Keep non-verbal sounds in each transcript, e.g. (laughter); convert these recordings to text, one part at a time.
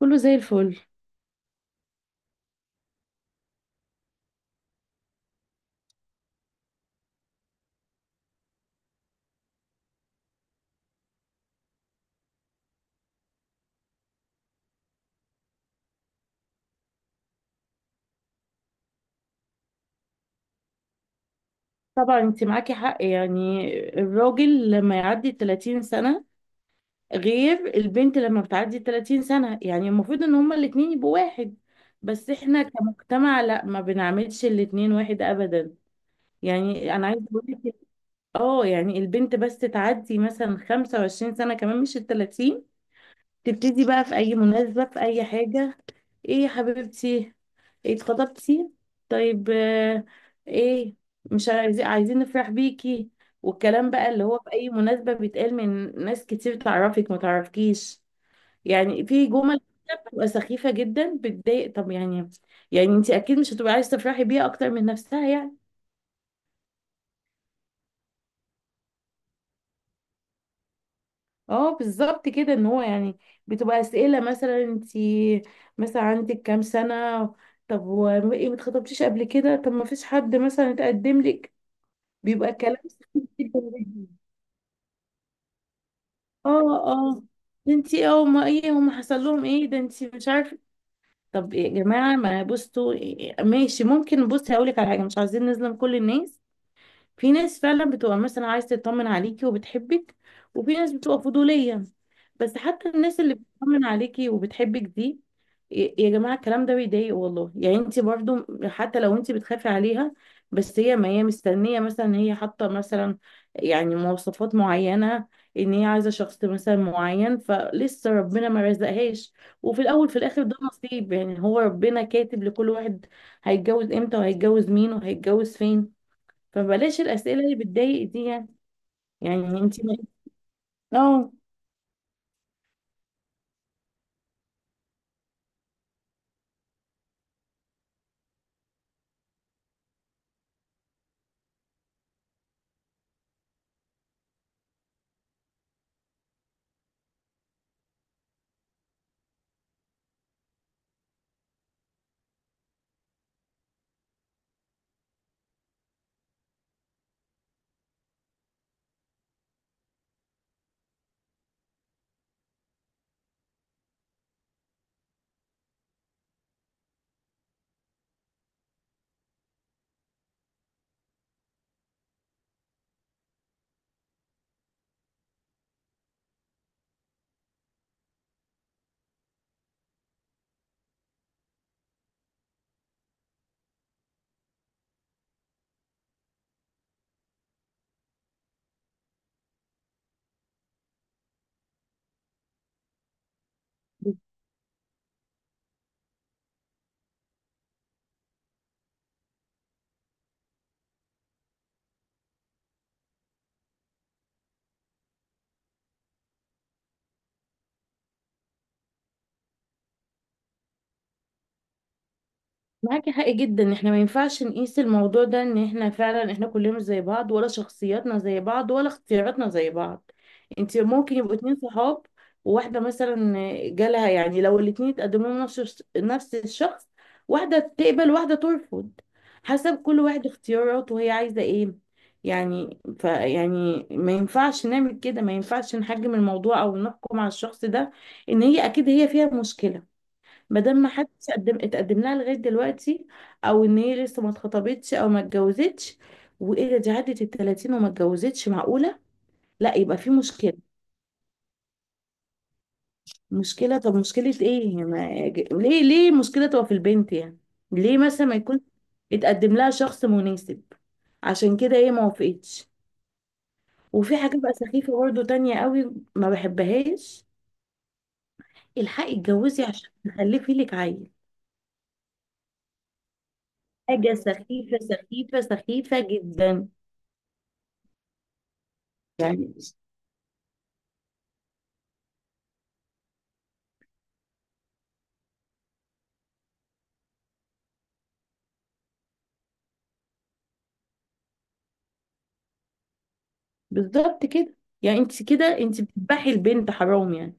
كله زي الفل. طبعا انت معاكي حق، يعني الراجل لما يعدي 30 سنة غير البنت لما بتعدي 30 سنة، يعني المفروض ان هما الاتنين يبقوا واحد، بس احنا كمجتمع لا، ما بنعملش الاتنين واحد ابدا. يعني انا عايزة اقول لك، اه يعني البنت بس تعدي مثلا 25 سنة، كمان مش ال 30، تبتدي بقى في اي مناسبة في اي حاجة: ايه يا حبيبتي، إيه اتخطبتي؟ طيب آه، ايه؟ مش عايزين نفرح بيكي. والكلام بقى اللي هو في اي مناسبة بيتقال من ناس كتير، تعرفك ما تعرفكيش. يعني في جمل كده بتبقى سخيفة جدا، بتضايق. طب يعني، يعني انت اكيد مش هتبقى عايزة تفرحي بيها اكتر من نفسها يعني. اه بالظبط كده. ان هو يعني بتبقى اسئله مثلا: انت مثلا عندك كام سنه؟ طب وايه ما اتخطبتيش قبل كده؟ طب ما فيش حد مثلا اتقدم لك؟ بيبقى كلام كتير جدا. اه اه. ده انت، اه، ما ايه هم، حصل لهم ايه؟ ده انت مش عارفه. طب يا جماعه، ما بصوا، ماشي، ممكن بصي هقول لك على حاجه: مش عايزين نظلم كل الناس، في ناس فعلا بتبقى مثلا عايزة تطمن عليكي وبتحبك، وفي ناس بتبقى فضولية. بس حتى الناس اللي بتطمن عليكي وبتحبك دي، يا جماعة الكلام ده بيضايق والله، يعني انت برضو حتى لو انت بتخافي عليها، بس هي ما هي مستنية، مثلا ان هي حاطة مثلا يعني مواصفات معينة، ان هي عايزة شخص مثلا معين، فلسه ربنا ما رزقهاش. وفي الاول في الاخر ده نصيب، يعني هو ربنا كاتب لكل واحد هيتجوز امتى وهيتجوز مين وهيتجوز فين. فبلاش الأسئلة اللي بتضايق دي يعني. يعني انت اه، معاكي حق جدا. احنا ما ينفعش نقيس الموضوع ده، ان احنا فعلا احنا كلنا مش زي بعض، ولا شخصياتنا زي بعض، ولا اختياراتنا زي بعض. انت ممكن يبقوا اتنين صحاب، وواحدة مثلا جالها، يعني لو الاتنين اتقدموا لهم نفس الشخص، واحدة تقبل واحدة ترفض، حسب كل واحد اختياراته وهي عايزة ايه. يعني ف يعني ما ينفعش نعمل كده، ما ينفعش نحجم الموضوع او نحكم على الشخص ده ان هي اكيد هي فيها مشكلة، ما دام ما حدش قدم اتقدم لها لغايه دلوقتي، او ان هي لسه ما اتخطبتش او ما اتجوزتش. وايه ده، دي عدت ال 30 وما اتجوزتش، معقوله؟ لا يبقى في مشكله. مشكله طب مشكله ايه؟ ما... ج- ليه ليه المشكله تبقى في البنت يعني؟ ليه مثلا ما يكون اتقدم لها شخص مناسب عشان كده ايه ما وافقتش. وفي حاجه بقى سخيفه برضه تانية قوي ما بحبهاش: الحقي اتجوزي عشان تخلفي لك عيل. حاجه سخيفه سخيفه سخيفه جدا. يعني بالظبط كده. يعني انت كده انت بتذبحي البنت، حرام يعني.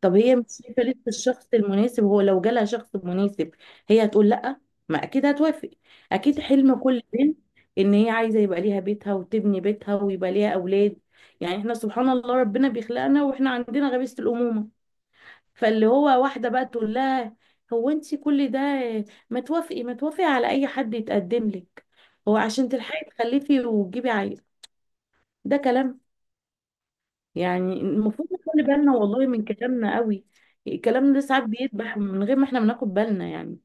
طب هي مش شايفه لسه الشخص المناسب، هو لو جالها شخص مناسب هي هتقول لا؟ ما اكيد هتوافق. اكيد حلم كل بنت ان هي عايزه يبقى ليها بيتها وتبني بيتها ويبقى ليها اولاد. يعني احنا سبحان الله ربنا بيخلقنا واحنا عندنا غريزه الامومه. فاللي هو واحده بقى تقول لها: هو انت كل ده ما توافقي على اي حد يتقدم لك هو عشان تلحقي تخلفي وتجيبي عيل؟ ده كلام؟ يعني المفروض نخلي بالنا والله من كلامنا قوي. كلامنا ده ساعات بيدبح من غير ما احنا بناخد بالنا يعني.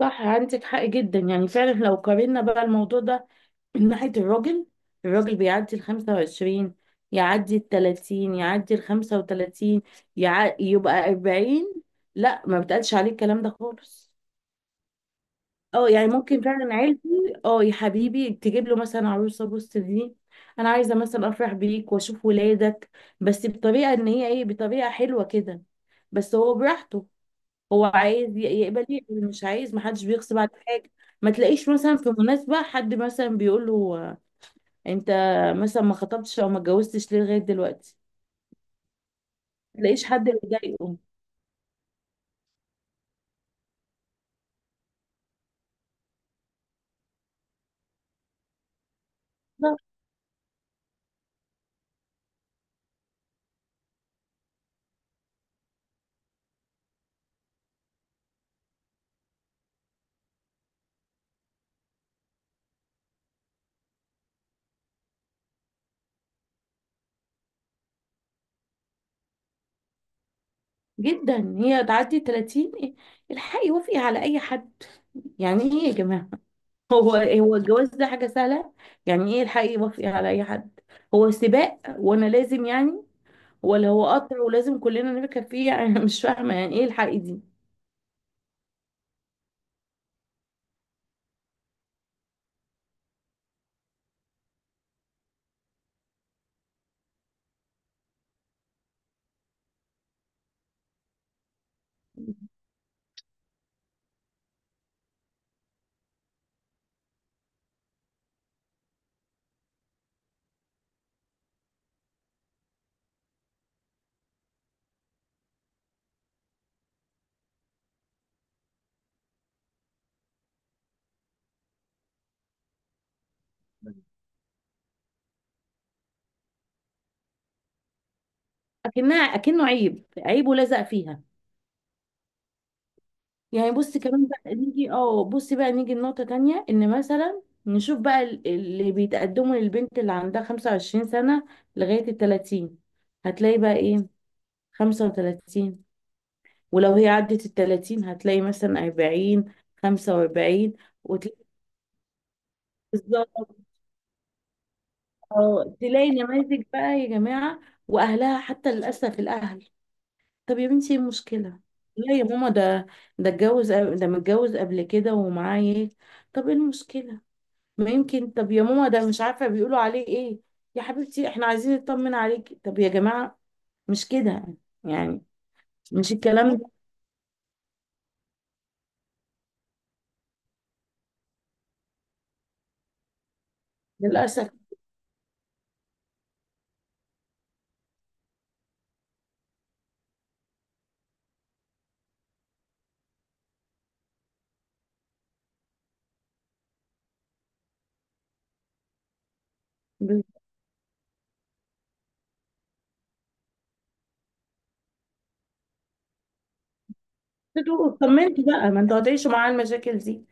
صح، عندك حق جدا، يعني فعلا لو قارنا بقى الموضوع ده من ناحية الراجل: الراجل بيعدي ال 25، يعدي ال 30، يعدي ال 35، يبقى 40، لا ما بتقالش عليه الكلام ده خالص. اه يعني ممكن فعلا عيلتي، اه يا حبيبي تجيب له مثلا عروسه بص دي، انا عايزه مثلا افرح بيك واشوف ولادك، بس بطريقه ان هي ايه، بطريقه حلوه كده، بس هو براحته، هو عايز يقبل يقبل، مش عايز محدش بيغصب على حاجه. ما تلاقيش مثلا في مناسبه حد مثلا بيقول له: آه، انت مثلا ما خطبتش او ما اتجوزتش ليه لغايه دلوقتي؟ ما تلاقيش حد بيضايقه. لا، جدا هي تعدي 30 إيه؟ الحقي وافقي على اي حد؟ يعني ايه يا جماعه؟ هو هو الجواز ده حاجة سهلة؟ يعني ايه الحق يوافق على اي حد؟ هو سباق وانا لازم يعني، ولا هو قطر ولازم كلنا نركب فيه؟ (laughs) يعني أنا مش فاهمة يعني ايه الحق دي؟ اكنها اكنه عيب، عيب ولزق فيها. يعني بص كمان بقى نيجي، اه بصي بقى نيجي لنقطة تانية: ان مثلا نشوف بقى اللي بيتقدموا للبنت اللي عندها 25 سنة لغاية ال 30، هتلاقي بقى ايه، 35، ولو هي عدت التلاتين هتلاقي مثلا أربعين، خمسة وأربعين، وتلاقي، بالظبط، آه، تلاقي نماذج بقى يا جماعة. وأهلها حتى، للأسف الأهل: طب يا بنتي ايه المشكلة؟ لا يا ماما ده، ده اتجوز ده متجوز قبل كده ومعاه ايه؟ طب ايه المشكلة؟ ما يمكن، طب يا ماما ده مش عارفة بيقولوا عليه ايه؟ يا حبيبتي احنا عايزين نطمن عليكي. طب يا جماعة مش كده يعني، مش الكلام ده. للأسف بتدوقوا، اطمنتوا بقى، ما انتوا هتعيشوا معاه المشاكل دي،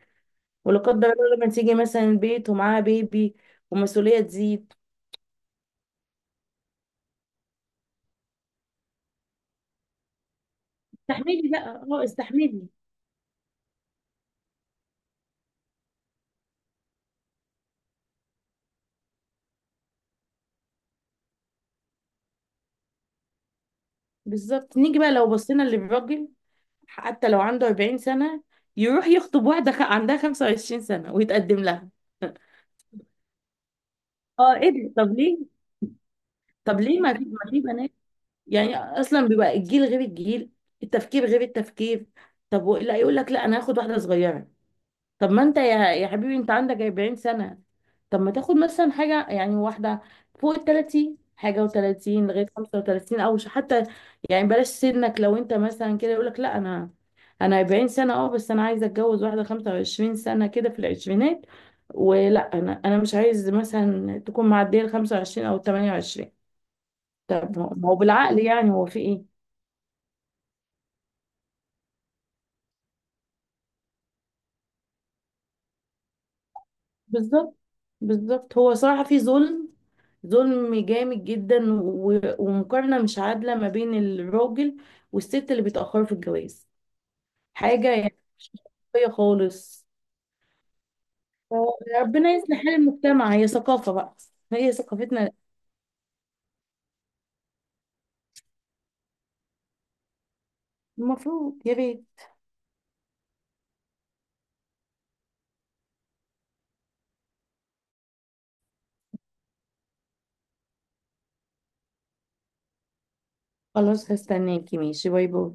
ولا قدر الله لما تيجي مثلا البيت ومعاها بيبي ومسؤولية تزيد، استحملي بقى، اه استحملي. بالظبط. نيجي بقى لو بصينا للراجل: حتى لو عنده 40 سنة يروح يخطب واحدة عندها 25 سنة ويتقدم لها. اه ايه ده؟ طب ليه؟ طب ليه ما في بنات؟ يعني اصلا بيبقى الجيل غير الجيل، التفكير غير التفكير. طب لا يقول لك لا انا هاخد واحدة صغيرة. طب ما انت يا حبيبي انت عندك 40 سنة، طب ما تاخد مثلا حاجة يعني واحدة فوق ال 30، حاجة و30 لغاية 35، او حتى، يعني بلاش سنك. لو انت مثلا كده يقولك لا انا، انا 40 سنة، اه بس انا عايزة اتجوز واحدة 25 سنة كده في العشرينات، ولا انا مش عايز مثلا تكون معدية ال 25 او 28. طب ما هو بالعقل يعني، هو في ايه؟ بالظبط، بالظبط. هو صراحة في ظلم، ظلم جامد جدا، ومقارنة مش عادلة ما بين الراجل والست اللي بيتأخروا في الجواز، حاجة يعني مش منطقية خالص. ربنا يصلح حال المجتمع، هي ثقافة بقى، هي ثقافتنا. المفروض يا بيه. خلاص هستناكي، ماشي، باي باي.